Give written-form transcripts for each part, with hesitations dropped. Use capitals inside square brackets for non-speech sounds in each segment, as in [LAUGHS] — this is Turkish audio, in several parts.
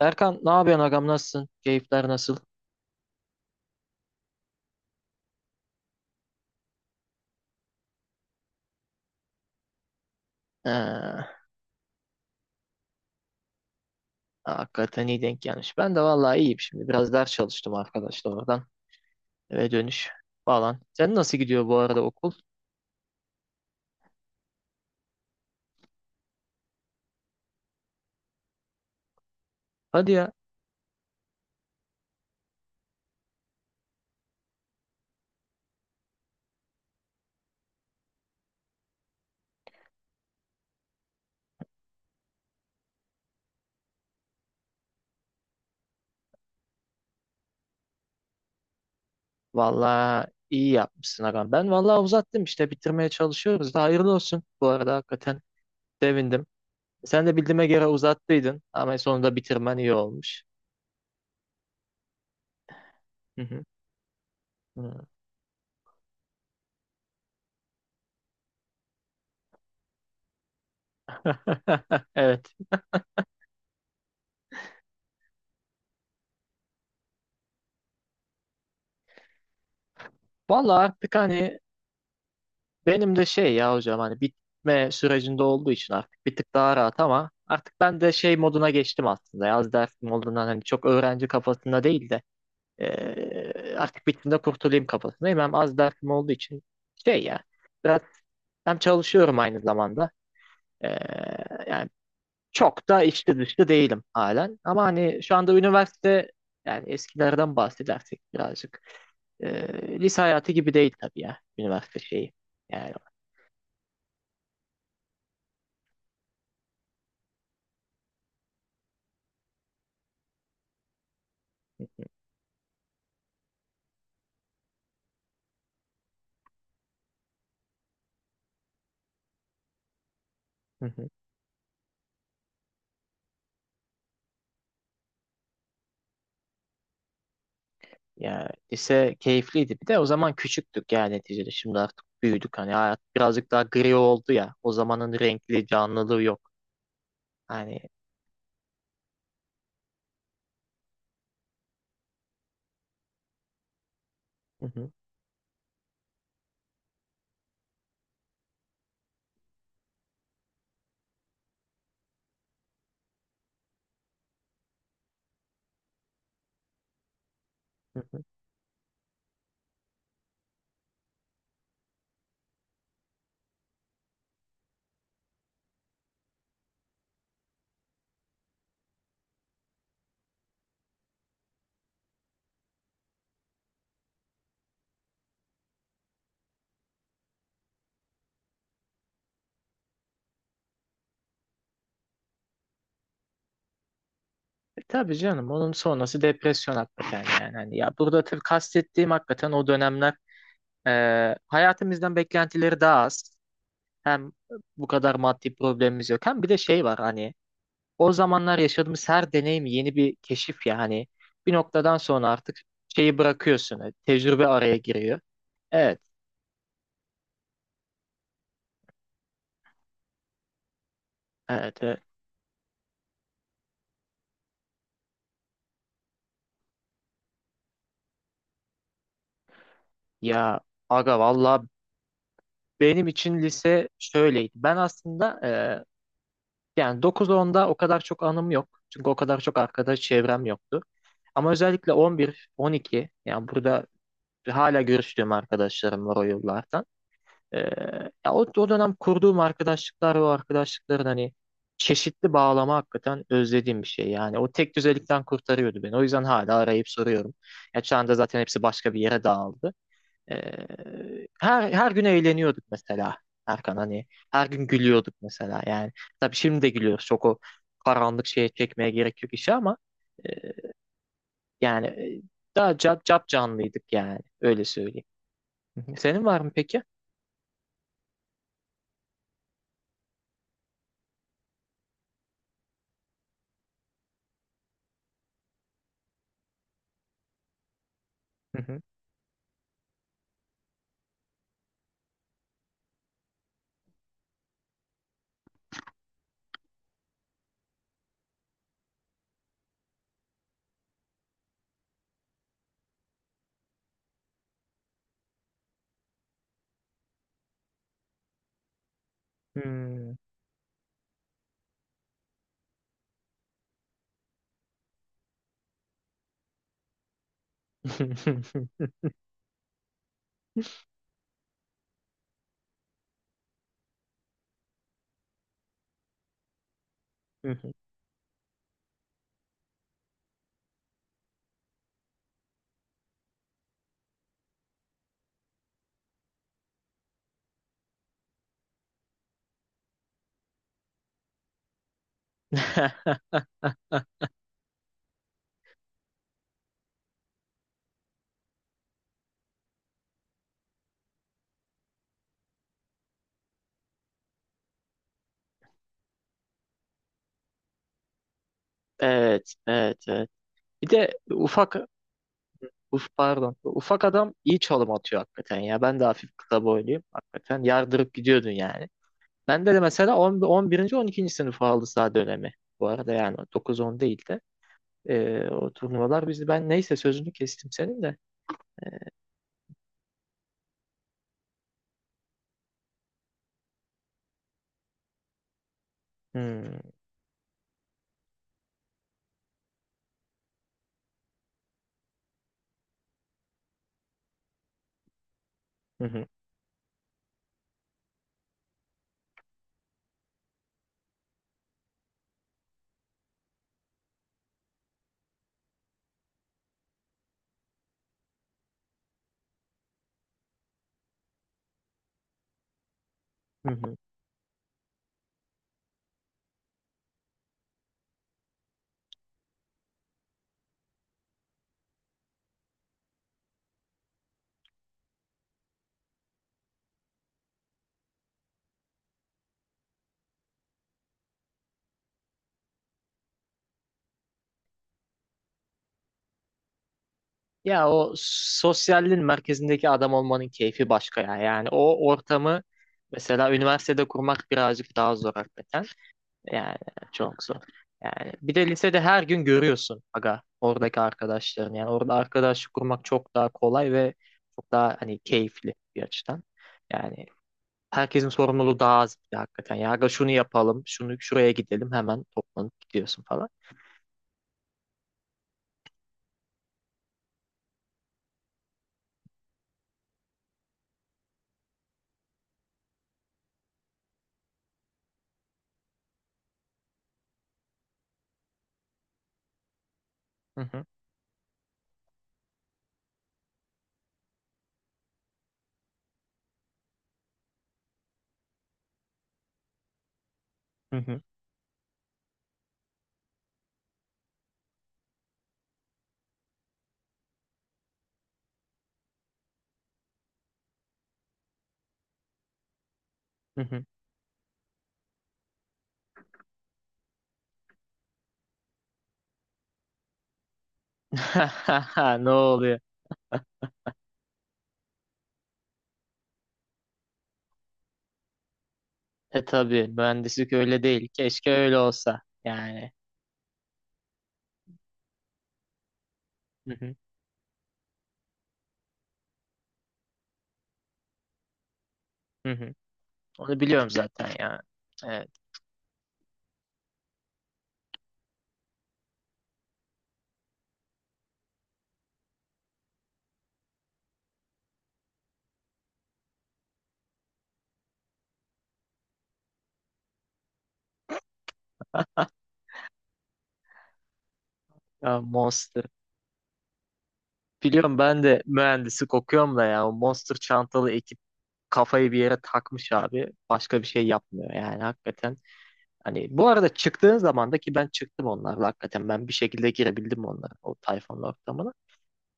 Erkan ne yapıyorsun agam nasılsın? Keyifler nasıl? Ee, hakikaten iyi denk gelmiş. Ben de vallahi iyiyim şimdi. Biraz ders çalıştım arkadaşlar oradan. Eve dönüş falan. Sen nasıl gidiyor bu arada okul? Hadi ya. Vallahi iyi yapmışsın agam. Ben vallahi uzattım işte bitirmeye çalışıyoruz da hayırlı olsun. Bu arada hakikaten sevindim. Sen de bildiğime göre uzattıydın ama sonunda bitirmen iyi olmuş. Hı hı. Hı. [LAUGHS] Evet. Vallahi artık hani benim de şey ya hocam hani bitme sürecinde olduğu için artık bir tık daha rahat ama artık ben de şey moduna geçtim aslında. Yaz dersim olduğundan hani çok öğrenci kafasında değil de artık bittiğinde kurtulayım kafasındayım. Hem az dersim olduğu için şey ya biraz hem çalışıyorum aynı zamanda. Eee, yani çok da içli dışlı değilim halen. Ama hani şu anda üniversite yani eskilerden bahsedersek birazcık lise hayatı gibi değil tabii ya üniversite şeyi. Yani. [LAUGHS] Yani lise keyifliydi. Bir de o zaman küçüktük yani neticede. Şimdi artık büyüdük. Hani hayat birazcık daha gri oldu ya. O zamanın renkli canlılığı yok. Hani, hı hı, hı hı. E tabii canım onun sonrası depresyon hakikaten yani. Hani ya burada tabii kastettiğim hakikaten o dönemler hayatımızdan beklentileri daha az. Hem bu kadar maddi problemimiz yok. Hem bir de şey var hani o zamanlar yaşadığımız her deneyim yeni bir keşif ya hani bir noktadan sonra artık şeyi bırakıyorsun. Tecrübe araya giriyor. Evet, evet, evet. Ya aga valla benim için lise şöyleydi. Ben aslında yani 9-10'da o kadar çok anım yok. Çünkü o kadar çok arkadaş çevrem yoktu. Ama özellikle 11, 12 yani burada hala görüştüğüm arkadaşlarım var o yıllardan. Ee, ya o dönem kurduğum arkadaşlıklar ve o arkadaşlıkların hani çeşitli bağlama hakikaten özlediğim bir şey. Yani o tek düzelikten kurtarıyordu beni. O yüzden hala arayıp soruyorum. Ya şu anda zaten hepsi başka bir yere dağıldı. Ee, her gün eğleniyorduk mesela Erkan hani. Her gün gülüyorduk mesela yani. Tabii şimdi de gülüyoruz. Çok o karanlık şeye çekmeye gerek yok işi ama e, yani daha cap, cap canlıydık yani. Öyle söyleyeyim. Hı hı. Senin var mı peki? Hı hı. Hmm. [LAUGHS] Hı hı. [LAUGHS] Evet, evet, evet. Bir de ufak, pardon, ufak adam iyi çalım atıyor hakikaten ya. Ben de hafif kısa boyluyum hakikaten. Yardırıp gidiyordun yani. Ben de mesela 10, 11. 12. sınıf aldı sağ dönemi. Bu arada yani dokuz on değil de o turnuvalar bizi ben neyse sözünü kestim senin de. Hmm, hı hı, hı hı. Ya o sosyalliğin merkezindeki adam olmanın keyfi başka ya. Yani o ortamı mesela üniversitede kurmak birazcık daha zor hakikaten. Yani çok zor. Yani bir de lisede her gün görüyorsun aga oradaki arkadaşlarını. Yani orada arkadaşlık kurmak çok daha kolay ve çok daha hani keyifli bir açıdan. Yani herkesin sorumluluğu daha az bir de hakikaten. Ya aga şunu yapalım, şunu şuraya gidelim hemen toplanıp gidiyorsun falan. Hı hı, hı hı, hı hı. [LAUGHS] Ne oluyor? E tabii mühendislik öyle değil. Keşke öyle olsa. Yani. Hı hı, hı hı. Onu biliyorum zaten ya. Evet. Ya Monster. Biliyorum ben de mühendislik okuyorum da ya. O Monster çantalı ekip kafayı bir yere takmış abi. Başka bir şey yapmıyor yani hakikaten. Hani bu arada çıktığın zaman da ki ben çıktım onlarla hakikaten. Ben bir şekilde girebildim onlara o tayfanın ortamına.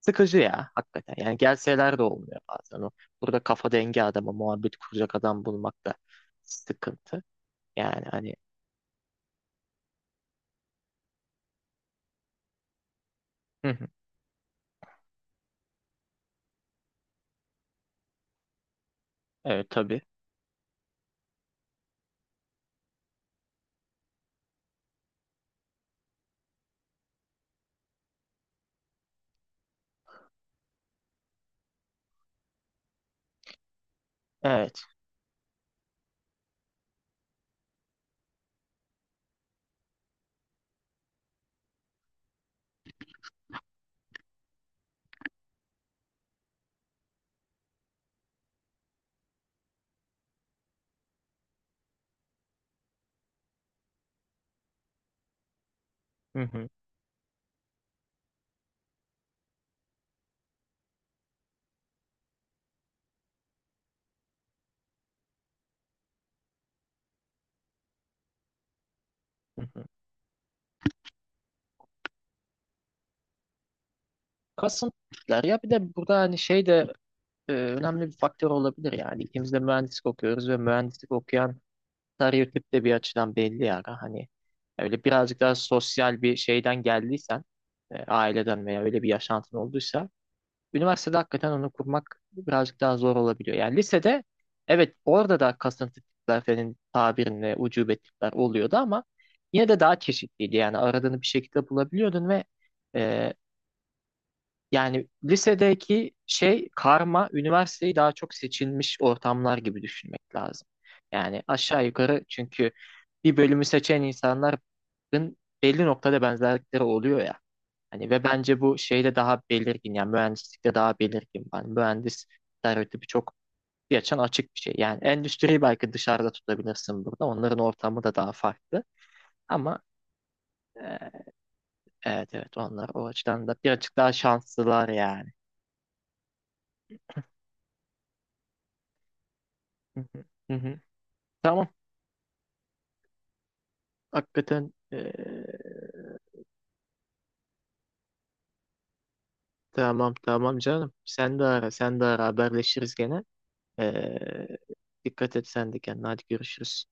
Sıkıcı ya hakikaten. Yani gelseler de olmuyor bazen o. Burada kafa dengi adama muhabbet kuracak adam bulmak da sıkıntı. Yani hani, hı hı. Evet tabii. Evet. Hı hı. Hı hı. Kasıntılılar ya bir de burada hani şey de önemli bir faktör olabilir yani ikimiz de mühendislik okuyoruz ve mühendislik okuyan stereotip de bir açıdan belli yani hani öyle birazcık daha sosyal bir şeyden geldiysen aileden veya öyle bir yaşantın olduysa üniversitede hakikaten onu kurmak birazcık daha zor olabiliyor. Yani lisede evet orada da kasıntı tipler senin tabirinle ucube tipler oluyordu ama yine de daha çeşitliydi. Yani aradığını bir şekilde bulabiliyordun ve e, yani lisedeki şey karma üniversiteyi daha çok seçilmiş ortamlar gibi düşünmek lazım. Yani aşağı yukarı çünkü bir bölümü seçen insanların belli noktada benzerlikleri oluyor ya. Hani ve bence bu şeyde daha belirgin yani mühendislikte daha belirgin. Yani mühendis stereotipi çok bir açan açık bir şey. Yani endüstriyi belki dışarıda tutabilirsin burada. Onların ortamı da daha farklı. Ama e, evet evet onlar o açıdan da birazcık daha şanslılar yani. [LAUGHS] Tamam. Hakikaten tamam tamam canım. Sen de ara sen de ara haberleşiriz gene. Eee, dikkat et sen de kendine. Hadi görüşürüz.